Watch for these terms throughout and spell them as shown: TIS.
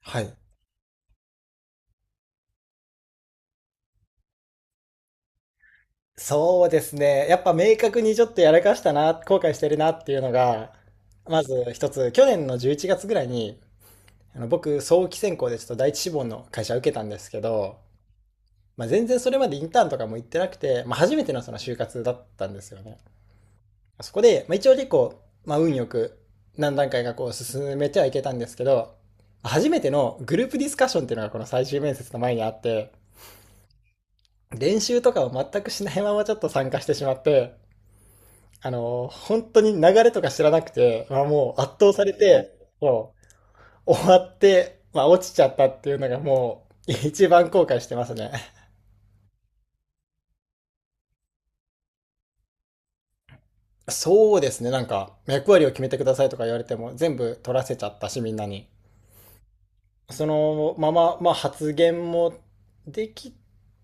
はい。そうですね。やっぱ明確にちょっとやらかしたな、後悔してるなっていうのが、まず一つ、去年の11月ぐらいに、僕、早期選考でちょっと第一志望の会社受けたんですけど、まあ、全然それまでインターンとかも行ってなくて、まあ、初めてのその就活だったんですよね。そこで、まあ、一応結構、まあ、運よく何段階かこう進めてはいけたんですけど、初めてのグループディスカッションっていうのがこの最終面接の前にあって、練習とかを全くしないままちょっと参加してしまって、本当に流れとか知らなくて、まあ、もう圧倒されて、もう終わって、まあ、落ちちゃったっていうのがもう一番後悔してますね。そうですね、なんか役割を決めてくださいとか言われても全部取らせちゃったし、みんなに。そのまま、まあ、発言もでき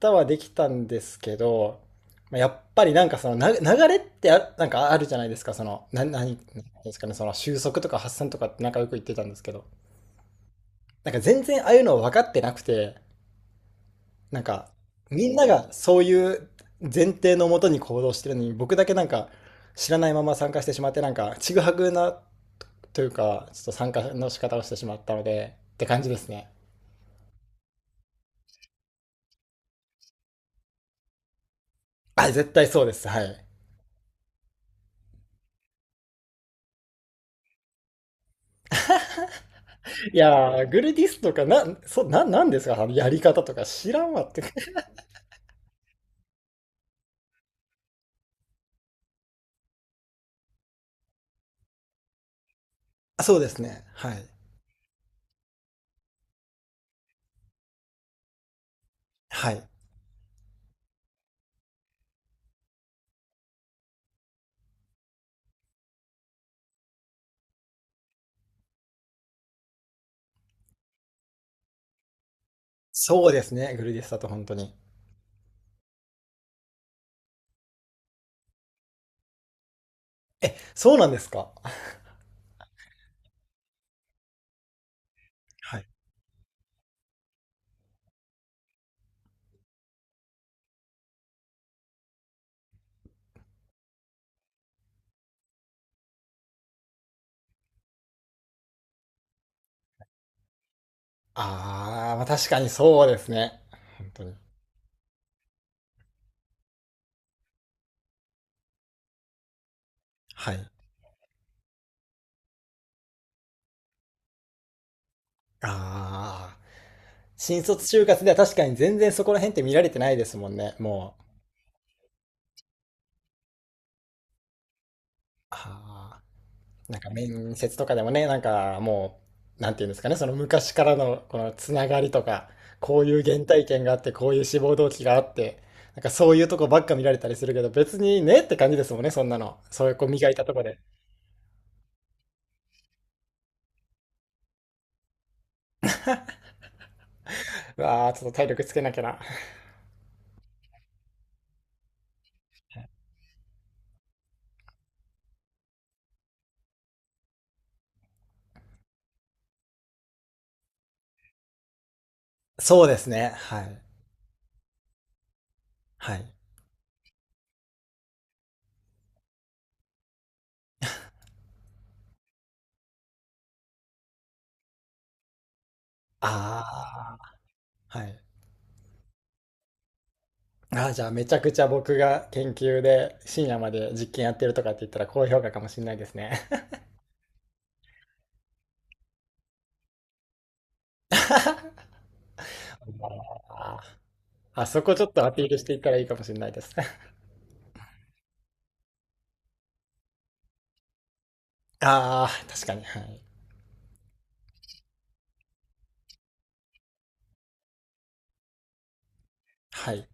たはできたんですけど、まあやっぱりなんかそのな流れってなんかあるじゃないですか、その、なんですかね、その収束とか発散とかってなんかよく言ってたんですけど、なんか全然ああいうの分かってなくて、なんかみんながそういう前提のもとに行動してるのに、僕だけなんか知らないまま参加してしまって、なんかちぐはぐなというか、ちょっと参加の仕方をしてしまったので、って感じですね。あ、絶対そうです。はい。いやー、グルディスとか、な、そ、な、なんですかあのやり方とか知らんわって。あ、そうですね。はい。はい。そうですね。グルディスだと本当に。え、そうなんですか？はい。あー、まあ確かにそうですね。本当に。はい。ああ、新卒就活では確かに全然そこら辺って見られてないですもんね、もう。ああ、なんか面接とかでもね、なんかもう、なんていうんですかね、その昔からのこのつながりとか、こういう原体験があって、こういう志望動機があって、なんかそういうとこばっか見られたりするけど、別にねって感じですもんね、そんなの。そういうこう磨いたとこで。うわあ、ちょっと体力つけなきゃな。そうですね、はい。はい。ああ、はい。ああ、じゃあめちゃくちゃ僕が研究で深夜まで実験やってるとかって言ったら高評価かもしれないですね。あー、あそこちょっとアピールしていったらいいかもしれないです。ああ、確かに。はい。はい。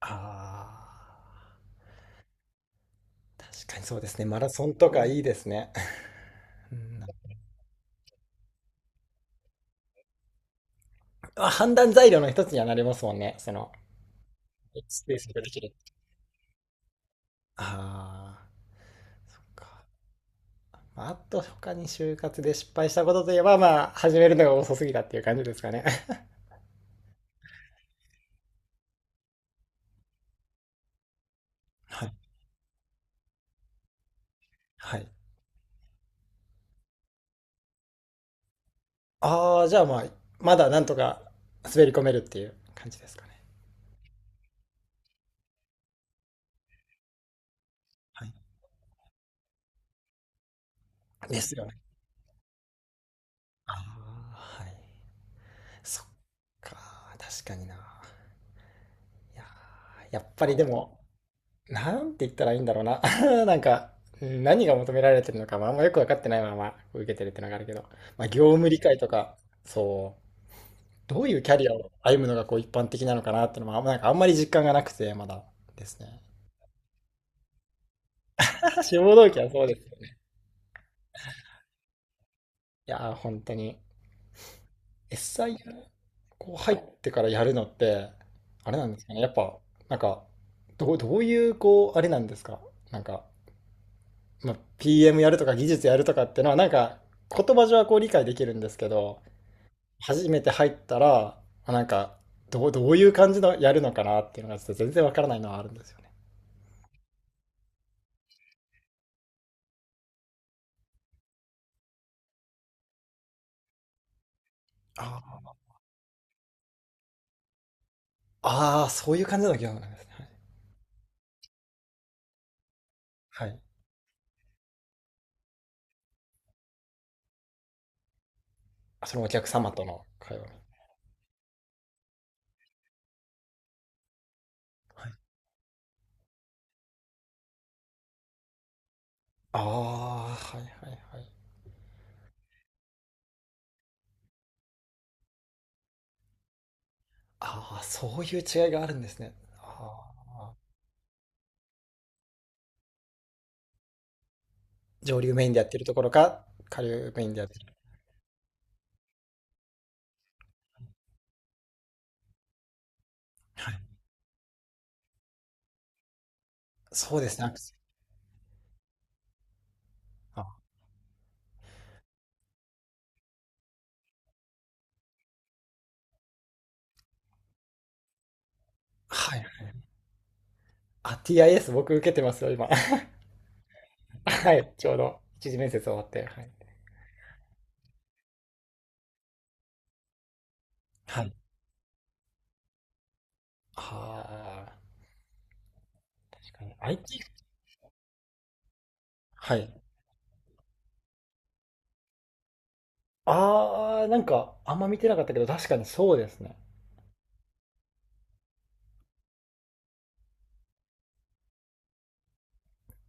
ああ、確かにそうですね。マラソンとかいいですね。うん、あ、判断材料の一つにはなりますもんね。その、スペースができる。ああ、そっか。まああと他に就活で失敗したことといえば、まあ、始めるのが遅すぎたっていう感じですかね。はい。はい。ああ、じゃあまあ、まだなんとか滑り込めるっていう感じですかね。はい。ですよね。ああ、はい。そっか、確かにな。いやー、やっぱりでも、なんて言ったらいいんだろうな。なんか、うん、何が求められてるのか、まあ、あんまよく分かってないままこう受けてるってのがあるけど、まあ、業務理解とか、そう、どういうキャリアを歩むのがこう一般的なのかなってのも、あんまり実感がなくて、まだですね。志望動機はそうです。いやー、本当に。SI こう入ってからやるのって、あれなんですかね。やっぱ、なんか、どういう、こう、あれなんですか。なんか、まあ、PM やるとか技術やるとかってのは、なんか、言葉上はこう理解できるんですけど、初めて入ったら、あ、なんか、どういう感じのやるのかなっていうのが、ちょっと全然わからないのはあるんですよね。ああー、そういう感じの業務なんですね。はい。はい。そのお客様との会話。ああ、はいはいはい。ああ、そういう違いがあるんですね。ああ、上流メインでやってるところか、下流メインでやってる。はい。そうですね、アクセル。あ、はいはい。あ、TIS 僕受けてますよ、今。はい、ちょうど一次面接終わって。はい。はい。ああ、確かに。IT？ はい。ああ、なんか、あんま見てなかったけど、確かにそうですね。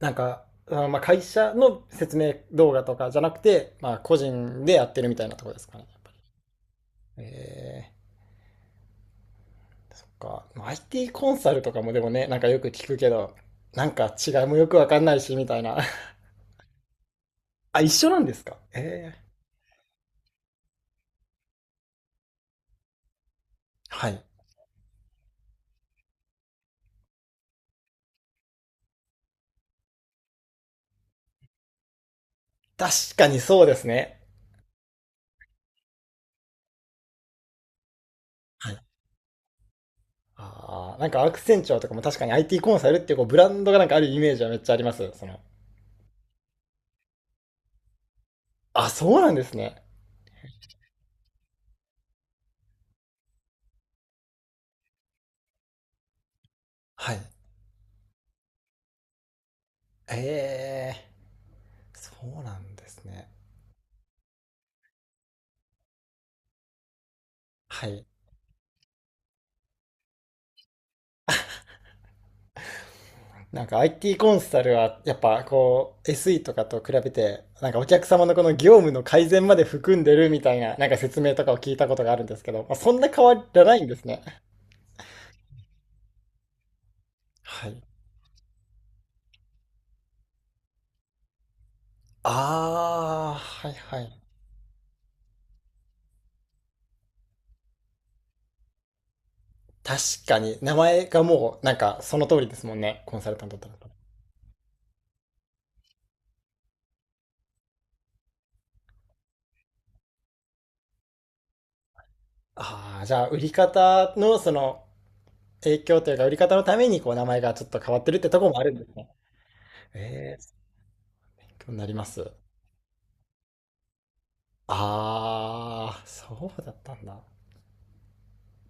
なんか、あ、まあ、会社の説明動画とかじゃなくて、まあ、個人でやってるみたいなところですかね、やっぱり。え、そっか。まあ IT コンサルとかもでもね、なんかよく聞くけど、なんか違いもよくわかんないし、みたいな。あ、一緒なんですか？ええ、はい。確かにそうですね。はい。ああ、なんかアクセンチュアとかも確かに IT コンサルっていうこうブランドがなんかあるイメージはめっちゃあります。その。あ、そうなんですね。はい。ええ、そうなんですね。はい。なんか IT コンサルはやっぱこう SE とかと比べてなんかお客様のこの業務の改善まで含んでるみたいななんか説明とかを聞いたことがあるんですけど、まあ、そんな変わらないんですね。はい。ああ、はいはい。確かに名前がもうなんかその通りですもんね。コンサルタントだと。ああ、じゃあ売り方のその影響というか売り方のためにこう名前がちょっと変わってるってところもあるんですね。ええ、勉強になります。ああ、そうだったんだ。